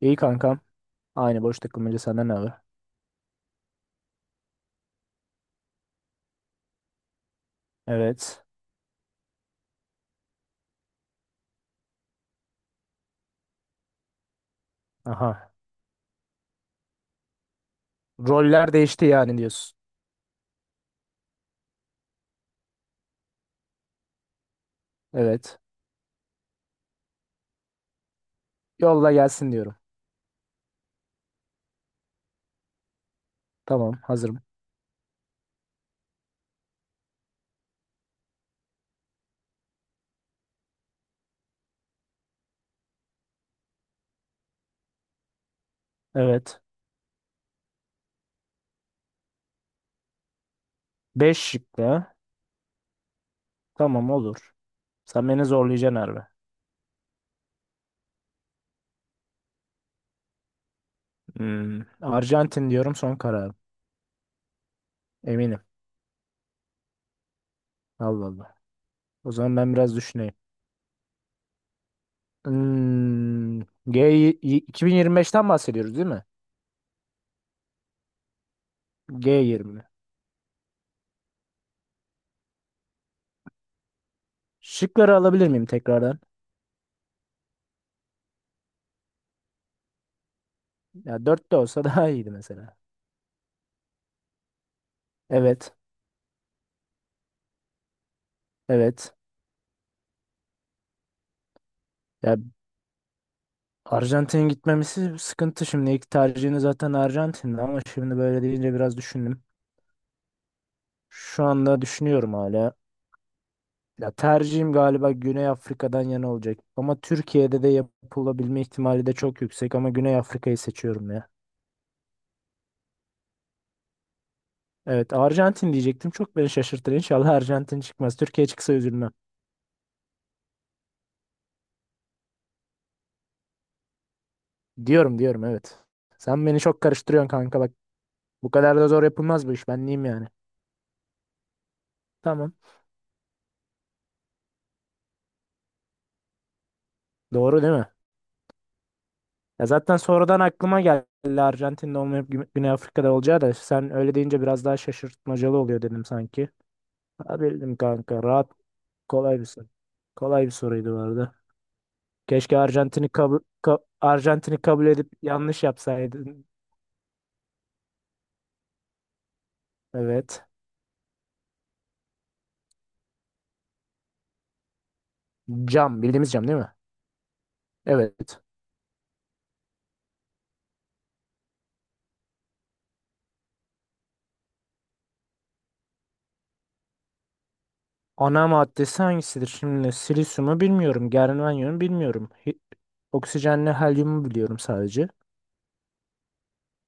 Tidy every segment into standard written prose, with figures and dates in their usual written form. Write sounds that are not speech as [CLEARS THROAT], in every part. İyi kankam. Aynı boş takılmaca senden ne haber? Evet. Aha. Roller değişti yani diyorsun. Evet. Yolla gelsin diyorum. Tamam hazırım. Evet. Beş şıklı. Tamam olur. Sen beni zorlayacaksın harbi. Hmm. Arjantin diyorum son kararım. Eminim. Allah Allah. O zaman ben biraz düşüneyim. Hmm. G 2025'ten bahsediyoruz değil mi? G20. Şıkları alabilir miyim tekrardan? Ya dört de olsa [LAUGHS] daha iyiydi mesela. Evet. Evet. Ya Arjantin'e gitmemesi sıkıntı şimdi. İlk tercihini zaten Arjantin'de ama şimdi böyle deyince biraz düşündüm. Şu anda düşünüyorum hala. Ya tercihim galiba Güney Afrika'dan yana olacak. Ama Türkiye'de de yapılabilme ihtimali de çok yüksek ama Güney Afrika'yı seçiyorum ya. Evet, Arjantin diyecektim. Çok beni şaşırtır. İnşallah Arjantin çıkmaz. Türkiye çıksa üzülmem. Diyorum diyorum evet. Sen beni çok karıştırıyorsun kanka bak. Bu kadar da zor yapılmaz bu iş. Ben neyim yani? Tamam. Doğru değil mi? Ya zaten sonradan aklıma geldi Arjantin'de olmayıp Güney Afrika'da olacağı da sen öyle deyince biraz daha şaşırtmacalı oluyor dedim sanki. Ha, bildim kanka rahat, kolay bir soru. Kolay bir soruydu bu arada. Keşke Arjantin'i kabul edip yanlış yapsaydın. Evet. Cam bildiğimiz cam değil mi? Evet. Ana maddesi hangisidir? Şimdi silisyumu bilmiyorum. Germanyumu bilmiyorum. Oksijenle helyumu biliyorum sadece.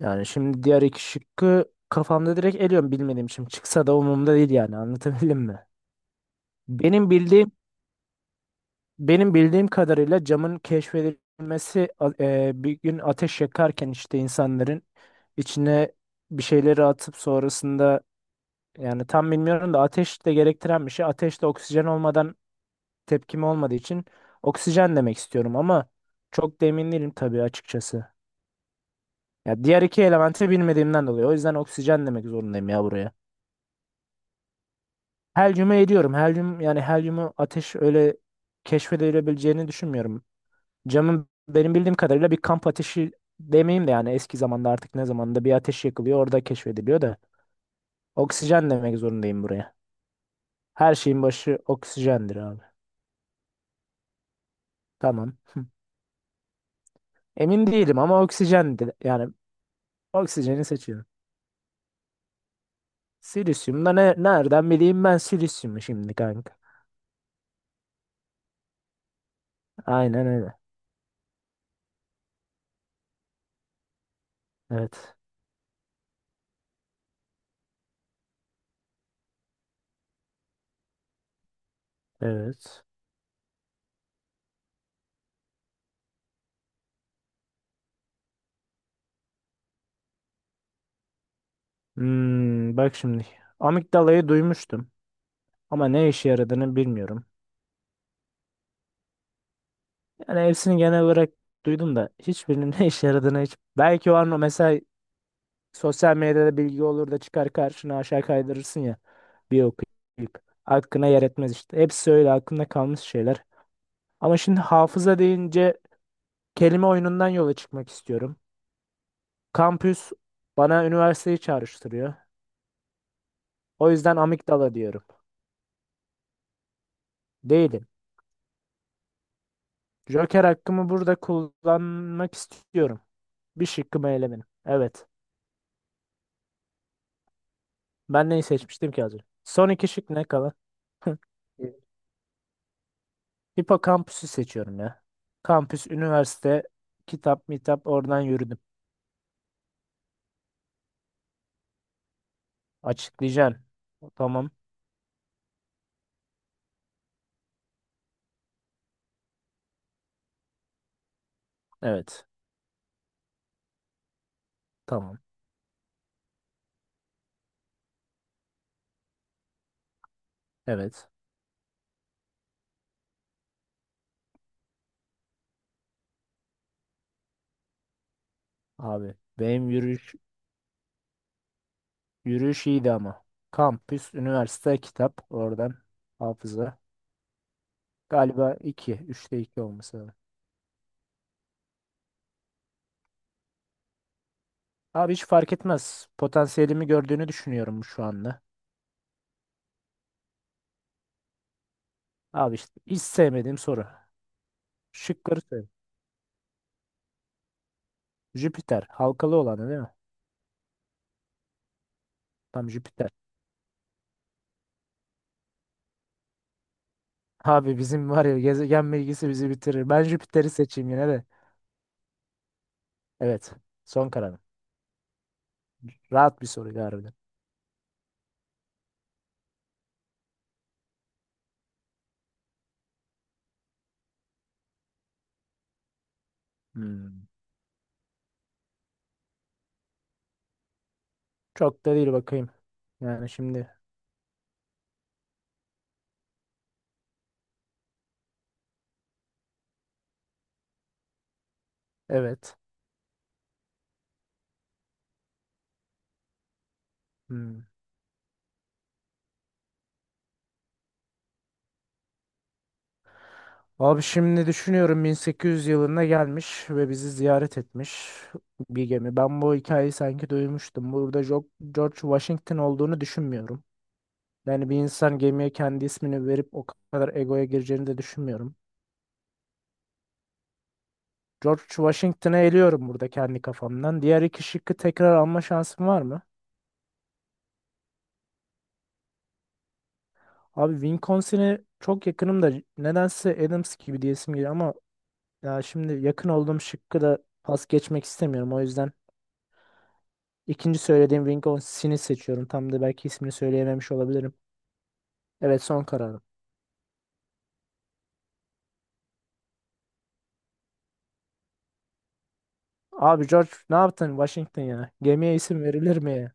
Yani şimdi diğer iki şıkkı kafamda direkt eliyorum bilmediğim için. Çıksa da umurumda değil yani anlatabildim mi? Benim bildiğim benim bildiğim kadarıyla camın keşfedilmesi bir gün ateş yakarken işte insanların içine bir şeyleri atıp sonrasında yani tam bilmiyorum da ateş de gerektiren bir şey. Ateş de oksijen olmadan tepkimi olmadığı için oksijen demek istiyorum ama çok da emin değilim tabii açıkçası. Ya diğer iki elementi bilmediğimden dolayı. O yüzden oksijen demek zorundayım ya buraya. Helyumu ediyorum. Helyum, yani helyumu ateş öyle keşfedilebileceğini düşünmüyorum. Camın benim bildiğim kadarıyla bir kamp ateşi demeyeyim de yani eski zamanda artık ne zamanda bir ateş yakılıyor orada keşfediliyor da oksijen demek zorundayım buraya. Her şeyin başı oksijendir abi. Tamam. Emin değilim ama oksijendir. Yani oksijeni seçiyorum. Silisyum da ne, nereden bileyim ben silisyumu şimdi kanka. Aynen öyle. Evet. Evet. Hmm, bak şimdi. Amigdalayı duymuştum. Ama ne işe yaradığını bilmiyorum. Yani hepsini genel olarak duydum da hiçbirinin [LAUGHS] ne işe yaradığını hiç. Belki o an o mesela sosyal medyada bilgi olur da çıkar karşına aşağı kaydırırsın ya. Bir okuyup. Hakkına yer etmez işte. Hepsi öyle aklımda kalmış şeyler. Ama şimdi hafıza deyince kelime oyunundan yola çıkmak istiyorum. Kampüs bana üniversiteyi çağrıştırıyor. O yüzden amigdala diyorum. Değilim. Joker hakkımı burada kullanmak istiyorum. Bir şıkkımı elemedim. Evet. Ben neyi seçmiştim ki az önce? Son iki şık ne kalan? [LAUGHS] Hipokampüsü seçiyorum ya. Kampüs, üniversite, kitap, mitap oradan yürüdüm. Açıklayacaksın. Tamam. Evet. Tamam. Evet. Abi benim yürüyüş iyiydi ama. Kampüs, üniversite, kitap oradan hafıza. Galiba 2, üçte 2 olması lazım. Abi hiç fark etmez. Potansiyelimi gördüğünü düşünüyorum şu anda. Abi işte hiç sevmediğim soru. Şıkları söyle. Jüpiter halkalı olanı değil mi? Tam Jüpiter. Abi bizim var ya gezegen bilgisi bizi bitirir. Ben Jüpiter'i seçeyim yine de. Evet. Son kararım. Rahat bir soru harbiden. Hmm. Çok da değil bakayım. Yani şimdi evet. Hmm. Abi şimdi düşünüyorum 1800 yılında gelmiş ve bizi ziyaret etmiş bir gemi. Ben bu hikayeyi sanki duymuştum. Burada George Washington olduğunu düşünmüyorum. Yani bir insan gemiye kendi ismini verip o kadar egoya gireceğini de düşünmüyorum. George Washington'ı eliyorum burada kendi kafamdan. Diğer iki şıkkı tekrar alma şansım var mı? Abi Wisconsin'i çok yakınım da nedense Adams gibi diyesim geliyor ama ya şimdi yakın olduğum şıkkı da pas geçmek istemiyorum. O yüzden ikinci söylediğim Wisconsin'i seçiyorum. Tam da belki ismini söyleyememiş olabilirim. Evet, son kararım. Abi George ne yaptın Washington ya? Gemiye isim verilir mi ya?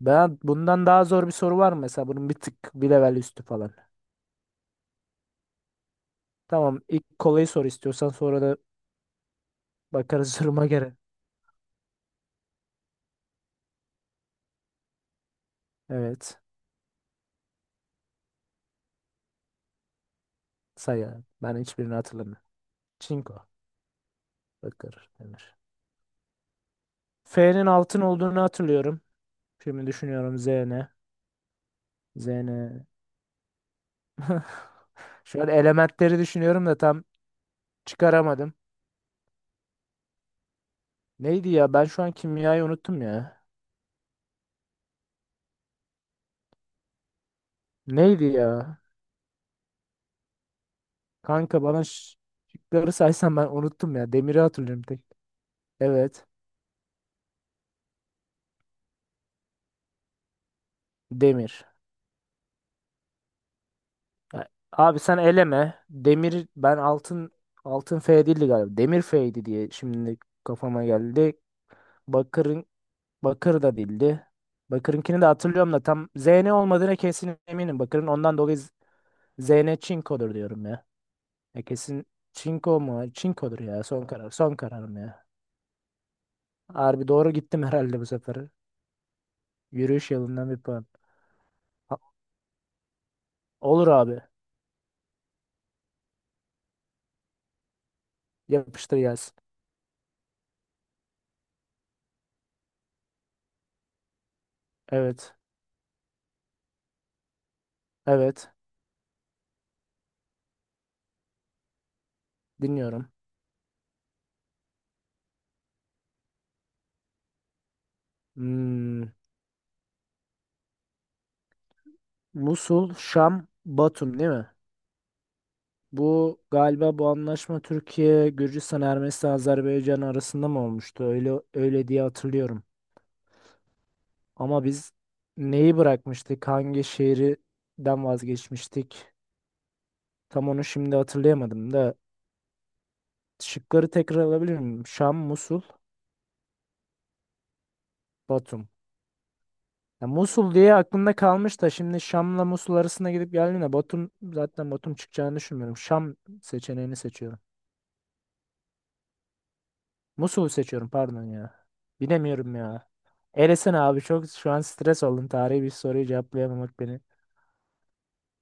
Ben bundan daha zor bir soru var mı mesela, bunun bir tık bir level üstü falan. Tamam, ilk kolayı sor istiyorsan sonra da bakarız [LAUGHS] duruma göre. Evet. Say abi. Ben hiçbirini hatırlamıyorum. Çinko. Bakır. Demir. F'nin altın olduğunu hatırlıyorum. Şimdi düşünüyorum Z ne? Z ne? [LAUGHS] Şöyle elementleri düşünüyorum da tam çıkaramadım. Neydi ya? Ben şu an kimyayı unuttum ya. Neydi ya? Kanka bana şıkları saysan ben unuttum ya. Demiri hatırlıyorum tek. Evet. Demir. Ya, abi sen eleme. Demir ben altın F değildi galiba. Demir F'ydi diye şimdi kafama geldi. Bakırın Bakır da değildi. Bakır'ınkini de hatırlıyorum da tam Zn olmadığına kesin eminim. Bakır'ın ondan dolayı Zn Çinko'dur diyorum ya. Ya kesin Çinko mu? Çinko'dur ya. Son karar. Son kararım ya. Harbi doğru gittim herhalde bu sefer. Yürüyüş yılından bir puan. Ha- olur abi. Yapıştır gelsin. Evet. Evet. Dinliyorum. Hmm, Musul, Şam, Batum değil mi? Bu galiba bu anlaşma Türkiye, Gürcistan, Ermenistan, Azerbaycan arasında mı olmuştu? Öyle öyle diye hatırlıyorum. Ama biz neyi bırakmıştık? Hangi şehirden vazgeçmiştik? Tam onu şimdi hatırlayamadım da şıkları tekrar alabilir miyim? Şam, Musul, Batum. Ya, Musul diye aklımda kalmış da şimdi Şam'la Musul arasında gidip geldiğinde Batum zaten Batum çıkacağını düşünmüyorum. Şam seçeneğini seçiyorum. Musul'u seçiyorum pardon ya. Bilemiyorum ya. Elesene abi, çok şu an stres oldum. Tarihi bir soruyu cevaplayamamak beni.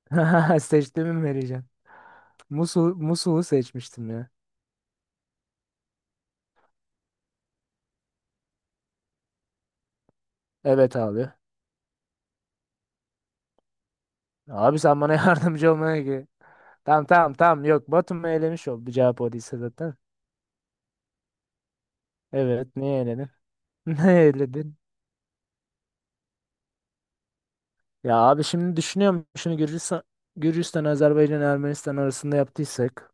[LAUGHS] Seçtiğimi mi vereceğim? Musul'u seçmiştim ya. Evet abi. Abi sen bana [LAUGHS] yardımcı olmaya ki. Tamam, tamam, tamam, yok Batum'u elemiş oldu cevap o değilse zaten. Evet, niye eledin? [LAUGHS] Ne eledin? Ya abi, şimdi düşünüyorum şunu, Gürcistan, Azerbaycan, Ermenistan arasında yaptıysak.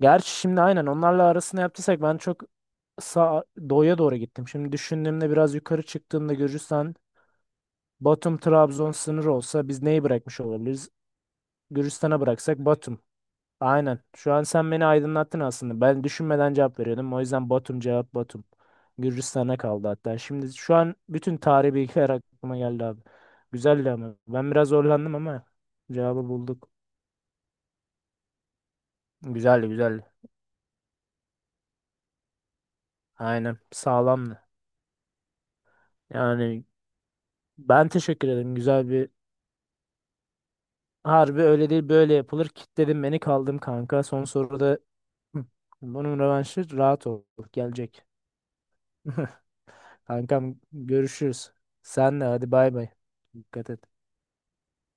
Gerçi şimdi aynen onlarla arasında yaptıysak ben çok sağ, doğuya doğru gittim. Şimdi düşündüğümde biraz yukarı çıktığımda Gürcistan, Batum, Trabzon sınırı olsa biz neyi bırakmış olabiliriz? Gürcistan'a bıraksak Batum. Aynen. Şu an sen beni aydınlattın aslında. Ben düşünmeden cevap veriyordum. O yüzden Batum cevap, Batum. Gürcistan'a kaldı hatta. Şimdi şu an bütün tarihi bilgiler aklıma geldi abi. Güzeldi ama. Ben biraz zorlandım ama cevabı bulduk. Güzeldi güzeldi. Aynen. Sağlamdı. Yani ben teşekkür ederim. Güzel bir, harbi öyle değil böyle yapılır. Kitledin beni kaldım kanka. Son soruda [CLEARS THROAT] hı, bunun rövanşı rahat ol. Gelecek. [LAUGHS] Kankam görüşürüz. Senle hadi bay bay. Dikkat et.